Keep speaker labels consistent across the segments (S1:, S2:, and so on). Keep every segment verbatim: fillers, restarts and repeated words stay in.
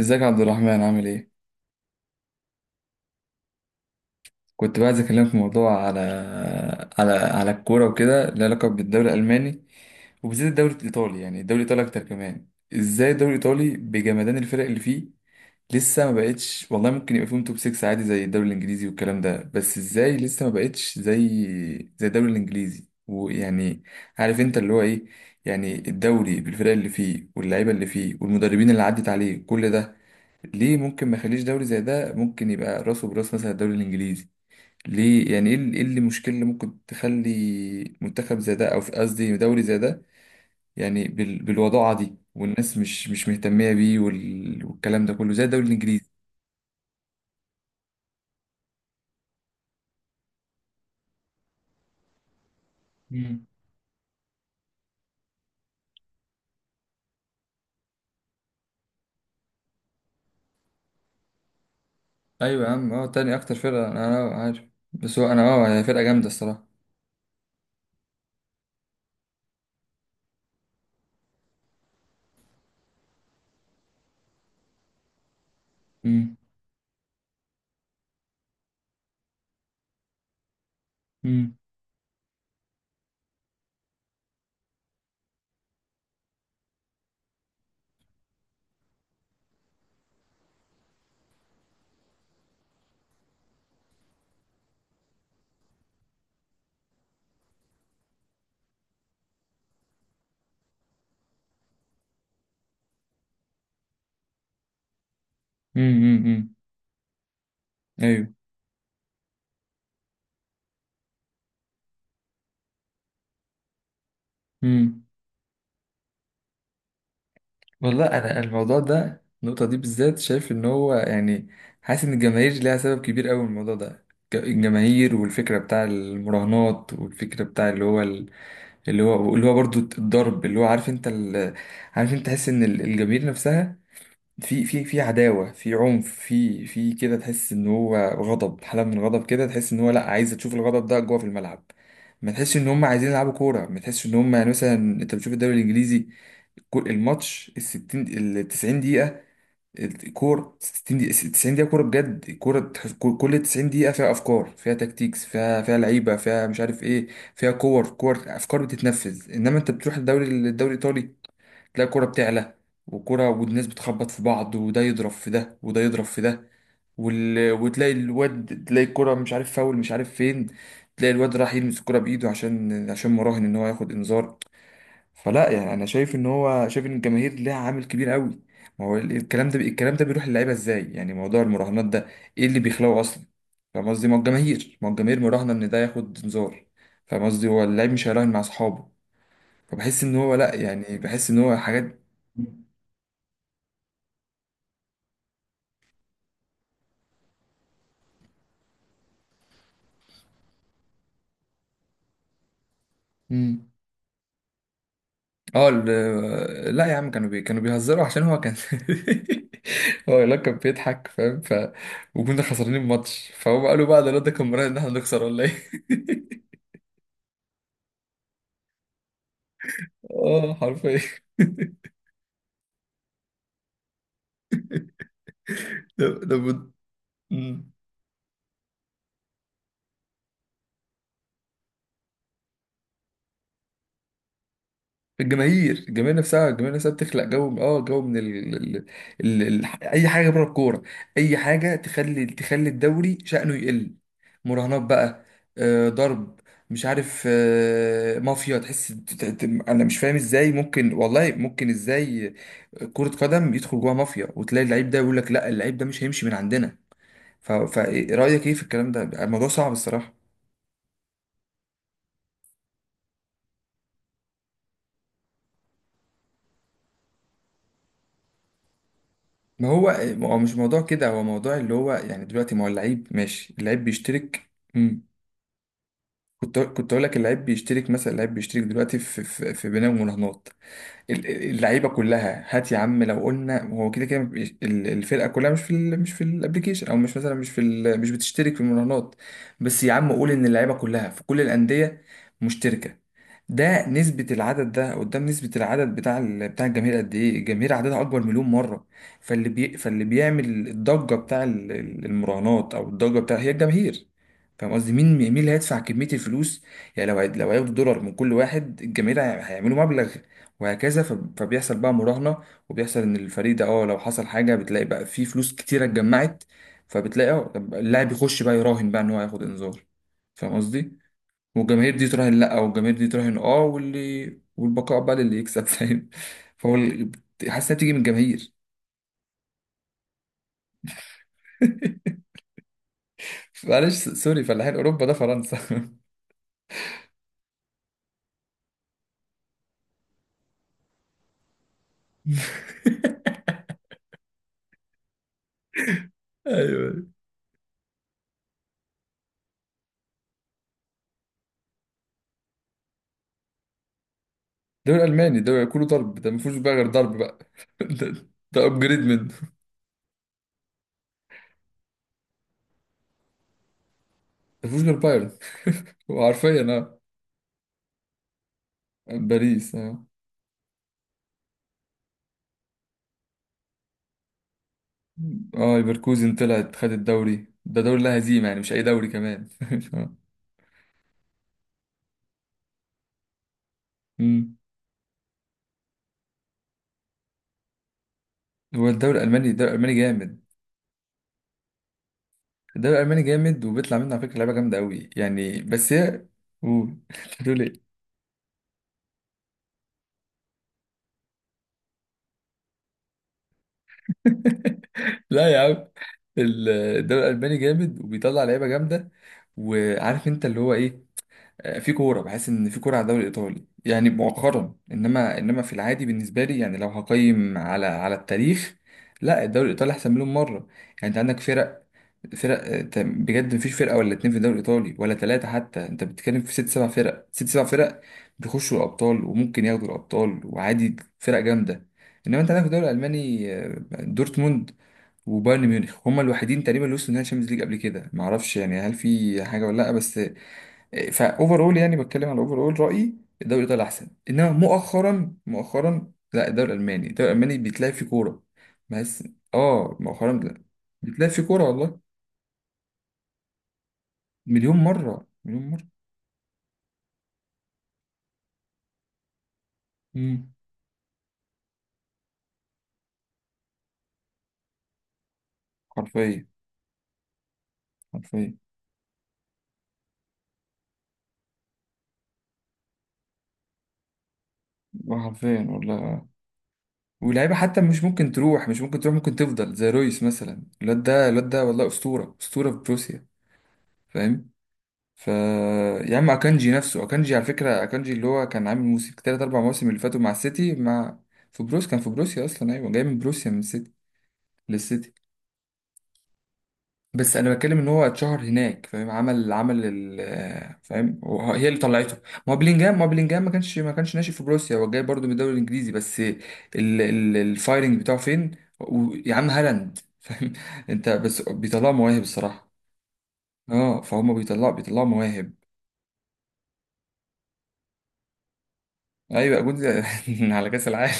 S1: ازيك يا عبد الرحمن عامل ايه؟ كنت بقى عايز اكلمك في موضوع على على على الكوره وكده، لها علاقه بالدوري الالماني وبالذات الدوري الايطالي. يعني الدوري الايطالي اكتر كمان، ازاي الدوري الايطالي بجمدان الفرق اللي فيه؟ لسه ما بقتش والله، ممكن يبقى فيهم توب ستة عادي زي الدوري الانجليزي والكلام ده، بس ازاي لسه ما بقتش زي زي الدوري الانجليزي؟ ويعني عارف انت اللي هو ايه، يعني الدوري بالفرق اللي فيه واللعيبه اللي فيه والمدربين اللي عدت عليه كل ده، ليه ممكن ما يخليش دوري زي ده ممكن يبقى راسه براس مثلا الدوري الانجليزي؟ ليه يعني؟ ايه ال- إيه اللي المشكلة اللي ممكن تخلي منتخب زي ده، او في- قصدي دوري زي ده، يعني بال- بالوضاعة دي، والناس مش مش مهتمية بيه وال- والكلام ده كله زي الدوري الانجليزي؟ مم. ايوه يا عم، اه تاني اكتر فرقة انا أنا عارف، بس هو انا اه هي فرقة جامدة الصراحة. مم. مم. امم امم، ايوه. مم. والله انا الموضوع ده، النقطة دي بالذات شايف ان هو يعني حاسس ان الجماهير ليها سبب كبير قوي الموضوع ده. ج- الجماهير، والفكرة بتاع المراهنات، والفكرة بتاع اللي هو اللي هو اللي هو برضو الضرب، اللي هو عارف انت ال... عارف انت، تحس ان ال- الجماهير نفسها، في في في عداوة، في عنف، في في كده، تحس ان هو غضب، حالة من الغضب كده، تحس ان هو لا، عايز تشوف الغضب ده جوه في الملعب. ما تحسش ان هم عايزين يلعبوا كورة، ما تحسش ان هم يعني. مثلا انت بتشوف الدوري الانجليزي، كل الماتش ال ستين، ال تسعين دقيقة، الكورة ستين دقيقة، تسعين دقيقة كورة بجد. الكورة تحس- كل تسعين دقيقة فيها أفكار، فيها تكتيكس، فيها فيها لعيبة، فيها مش عارف إيه، فيها كور، كور أفكار بتتنفذ. إنما أنت بتروح الدوري الدوري الإيطالي، تلاقي الكورة بتعلى وكرة، والناس بتخبط في بعض، وده يضرب في ده، وده يضرب في ده، وال... وتلاقي الواد، تلاقي الكرة مش عارف فاول، مش عارف فين، تلاقي الواد راح يلمس الكرة بإيده عشان عشان مراهن إن هو ياخد إنذار. فلا يعني، انا شايف ان هو، شايف ان الجماهير ليها عامل كبير قوي. ما هو ال- الكلام ده، الكلام ده بيروح للعيبه ازاي؟ يعني موضوع المراهنات ده، ايه اللي بيخلقه اصلا؟ فاهم قصدي؟ ما هو الجماهير، ما هو الجماهير مراهنه ان ده ياخد انذار. فاهم قصدي؟ هو اللاعب مش هيراهن مع اصحابه، فبحس ان هو لا، يعني بحس ان هو حاجات. امم، اه ال- لا يا عم، كانوا بي... كانوا بيهزروا عشان هو كان هو لا، كان بيضحك فاهم. ف وكنا خسرانين الماتش، فهو قالوا بقى ده، لا ده كان مراهن ان احنا نخسر ولا ايه. اه حرفيا. ده بد... الجماهير، الجماهير نفسها الجماهير نفسها بتخلق جو، اه جو من ال... ال... ال... ال... اي حاجه بره الكوره، اي حاجه تخلي تخلي الدوري شأنه يقل. مراهنات بقى، آه ضرب، مش عارف آه مافيا، تحس ت- ت- ت- انا مش فاهم ازاي ممكن، والله ممكن ازاي كرة قدم يدخل جواها مافيا، وتلاقي اللعيب ده يقول لك لا، اللعيب ده مش هيمشي من عندنا. ف... فرأيك ايه في الكلام ده؟ الموضوع صعب الصراحة. ما هو، هو مش موضوع كده، هو موضوع اللي هو يعني دلوقتي، ما هو اللعيب ماشي، اللعيب بيشترك. مم. كنت كنت اقول لك، اللعيب بيشترك، مثلا اللعيب بيشترك دلوقتي في في, في بناء المراهنات. ال- اللعيبه كلها، هات يا عم لو قلنا هو، كده كده مش- ال- الفرقه كلها مش في ال، مش في الابليكيشن، او مش مثلا مش في ال، مش بتشترك في المراهنات. بس يا عم قول ان اللعيبه كلها في كل الانديه مشتركه، ده نسبة العدد ده قدام نسبة العدد بتاع ال- بتاع الجماهير قد ايه؟ الجماهير عددها أكبر مليون مرة. فاللي بي... فاللي بيعمل الضجة بتاع ال- ال- المراهنات، أو الضجة بتاع، هي الجماهير. فاهم قصدي؟ مين مين اللي هيدفع كمية الفلوس؟ يعني لو هي- لو هياخدوا دولار من كل واحد، الجماهير هي- هيعملوا مبلغ، وهكذا. فب- فبيحصل بقى مراهنة، وبيحصل ان الفريق ده اه لو حصل حاجة، بتلاقي بقى في فلوس كتيرة اتجمعت، فبتلاقي اه طب اللاعب يخش بقى يراهن بقى ان هو هياخد انذار. فاهم قصدي؟ والجماهير دي تراهن، لا والجماهير دي تراهن اه، واللي والبقاء بقى للي يكسب. فاهم؟ فهو ال- حاسس انها بتيجي من الجماهير. معلش سوري، فلاحين اوروبا ده فرنسا. ايوه. دوري الماني ده كله ضرب، ده ما فيهوش بقى غير ضرب بقى. ده, ده ابجريد منه. ما فيهوش غير بايرن. هو حرفيا آه. باريس اه. اه ليفركوزن طلعت خد الدوري، ده دوري لا هزيمة يعني، مش أي دوري كمان. أمم. هو الدوري الألماني، الدوري الألماني جامد. الدوري الألماني جامد، وبيطلع منه على فكرة لعيبة جامدة أوي يعني، بس هي. قول، هتقول إيه. لا يا عم، ال- الدوري الألماني جامد، وبيطلع لعيبة جامدة. وعارف أنت اللي هو إيه، آه، في كوره بحس ان في كوره على الدوري الايطالي يعني مؤخرا، انما انما في العادي بالنسبه لي، يعني لو هقيم على على التاريخ، لا الدوري الايطالي احسن مليون مره. يعني انت عندك فرق، فرق آه، ت- بجد مفيش فرقه ولا اتنين في الدوري الايطالي ولا ثلاثه، حتى انت بتتكلم في ست سبع فرق، ست سبع فرق بيخشوا الابطال وممكن ياخدوا الابطال، وعادي فرق جامده. انما انت عندك في الدوري الالماني آه، دورتموند وبايرن ميونخ، هما الوحيدين تقريبا اللي وصلوا نهائي الشامبيونز ليج قبل كده، معرفش يعني هل في حاجه ولا لا بس. فاوفر اول يعني، بتكلم على اوفر اول رايي، الدوري الايطالي احسن، انما مؤخرا، مؤخرا لا الدوري الالماني، الدوري الالماني بيتلعب فيه كوره بس. اه مؤخرا لا، بيتلعب فيه كوره والله. مليون مره، مليون مره. امم. حرفيا. حرفيا والله. حرفيا والله. ولاعيبه حتى مش ممكن تروح، مش ممكن تروح ممكن تفضل زي رويس مثلا، الواد ده الواد ده والله اسطوره، اسطوره في بروسيا. فاهم؟ ف يا عم، اكانجي نفسه، اكانجي على فكره، اكانجي اللي هو كان عامل موسم تلات اربع مواسم اللي فاتوا مع السيتي، مع في بروس، كان في بروسيا اصلا. ايوه جاي من بروسيا، من السيتي للسيتي. بس انا بتكلم ان هو اتشهر هناك، فاهم، عمل عمل ال آه، فاهم، وه- هي اللي طلعته. ما هو بلينجهام، ما هو بلينجهام ما كانش ما كانش ناشئ في بروسيا، هو جاي برضه من الدوري الانجليزي، بس ال- ال- الفايرنج بتاعه فين؟ و- يا عم هالاند فاهم انت بس بيطلعوا مواهب الصراحه. اه فهم، بيطلعوا بيطلعوا مواهب. ايوه جود، على كاس العالم.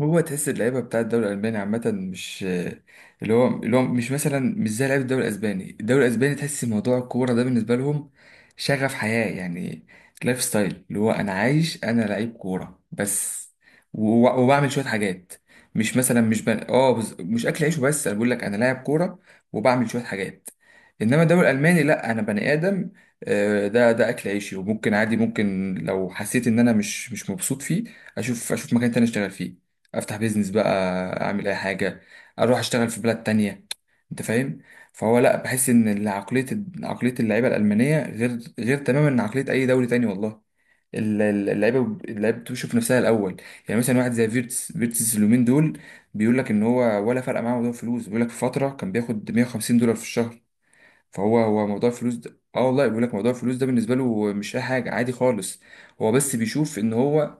S1: هو تحس اللعيبه بتاع الدوري الالماني عامه مش، اللي هو، اللي هو مش مثلا مش زي لعيبه الدوري الاسباني. الدوري الاسباني تحس موضوع الكوره ده بالنسبه لهم شغف حياه يعني، لايف ستايل، اللي هو انا عايش انا لعيب كوره بس، و- وبعمل شويه حاجات. مش مثلا مش بن... اه بز... مش اكل عيش وبس، انا بقول لك انا لاعب كوره، وبعمل شويه حاجات. انما الدوري الالماني لا، انا بني ادم آه، ده ده اكل عيشي، وممكن عادي، ممكن لو حسيت ان انا مش مش مبسوط فيه، اشوف اشوف مكان تاني اشتغل فيه، افتح بيزنس بقى، اعمل اي حاجه، اروح اشتغل في بلاد تانية. انت فاهم؟ فهو لا، بحس ان عقليه، عقليه اللعيبه الالمانيه غير، غير تماما عن عقليه اي دوري تاني والله. ال- ال- اللعيبه، اللعيبه بتشوف نفسها الاول. يعني مثلا واحد زي فيرتس، فيرتس اليومين دول بيقول لك ان هو ولا فرق معاه موضوع الفلوس. بيقول لك في فتره كان بياخد مية وخمسين دولار في الشهر. فهو، هو موضوع الفلوس ده اه والله، بيقول لك موضوع الفلوس ده بالنسبه له مش اي حاجه، عادي خالص. هو بس بيشوف ان هو،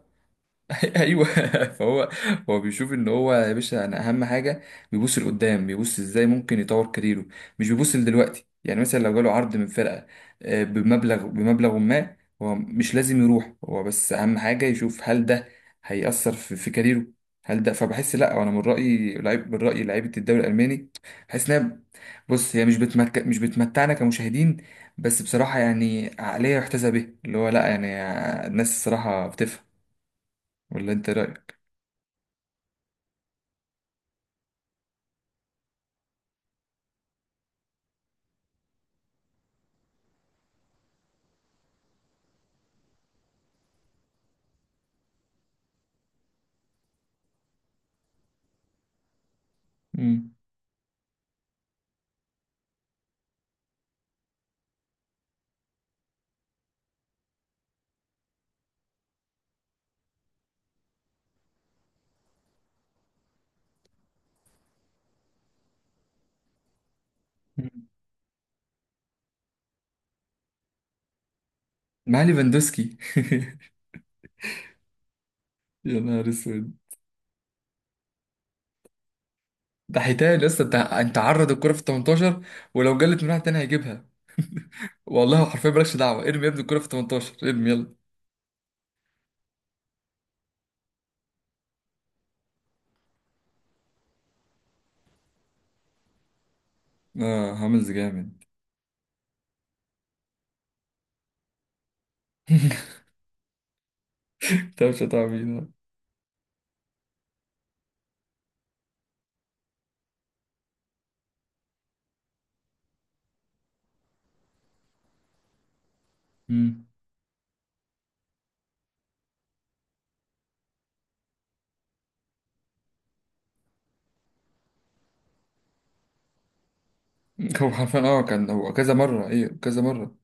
S1: ايوه، فهو، هو بيشوف ان هو يا باشا، انا اهم حاجه بيبص لقدام، بيبص ازاي ممكن يطور كاريره. مش بيبص لدلوقتي، يعني مثلا لو جاله عرض من فرقه آه، بمبلغ بمبلغ ما، هو مش لازم يروح، هو بس اهم حاجه يشوف هل ده هيأثر في, في كاريره، هل ده. فبحس، لا انا من رأيي لعيب، من رأيي لعيبه الدوري الالماني بحس انها، بص هي مش بتمك... مش بتمتعنا كمشاهدين، بس بصراحه يعني عقليه يحتذى بها، اللي هو لا يعني الناس الصراحه بتفهم. ولا انت إيه رأيك؟ مم. مم. معاه ليفاندوسكي. يا نهار اسود، ده هيتقل لسه، انت انت عرض الكرة في تمنتاشر ولو جلت من واحد تاني هيجيبها. والله هو حرفيا، مالكش دعوة، ارمي يا ابني الكرة في تمنتاشر، ارمي يلا. اه هاملز جامد. طب مش هتعمل ايه؟ مم. هو حرفيا اه، كان هو كذا مرة، ايه كذا مرة.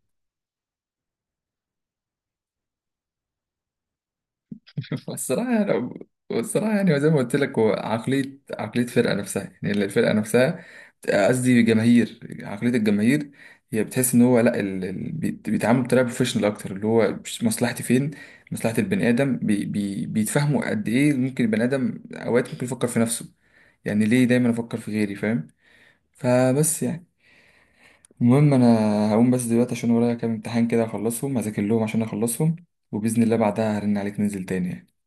S1: الصراحة يعني الصراحة يعني، زي ما قلت لك، هو عقلية عقلية فرقة نفسها، يعني اللي الفرقة نفسها، قصدي جماهير، عقلية الجماهير، هي بتحس ان هو لا، ال... ال... بيت- بيتعاملوا بطريقة بروفيشنال اكتر، اللي هو مش مصلحتي فين، مصلحة البني ادم، بي... بي... بيتفهموا قد ايه ممكن البني ادم اوقات ممكن يفكر في نفسه. يعني ليه دايما افكر في غيري؟ فاهم؟ فبس يعني، المهم انا هقوم بس دلوقتي، عشان ورايا كام امتحان كده اخلصهم، هذاكر لهم عشان اخلصهم، وبإذن الله بعدها هرن عليك ننزل تاني يعني.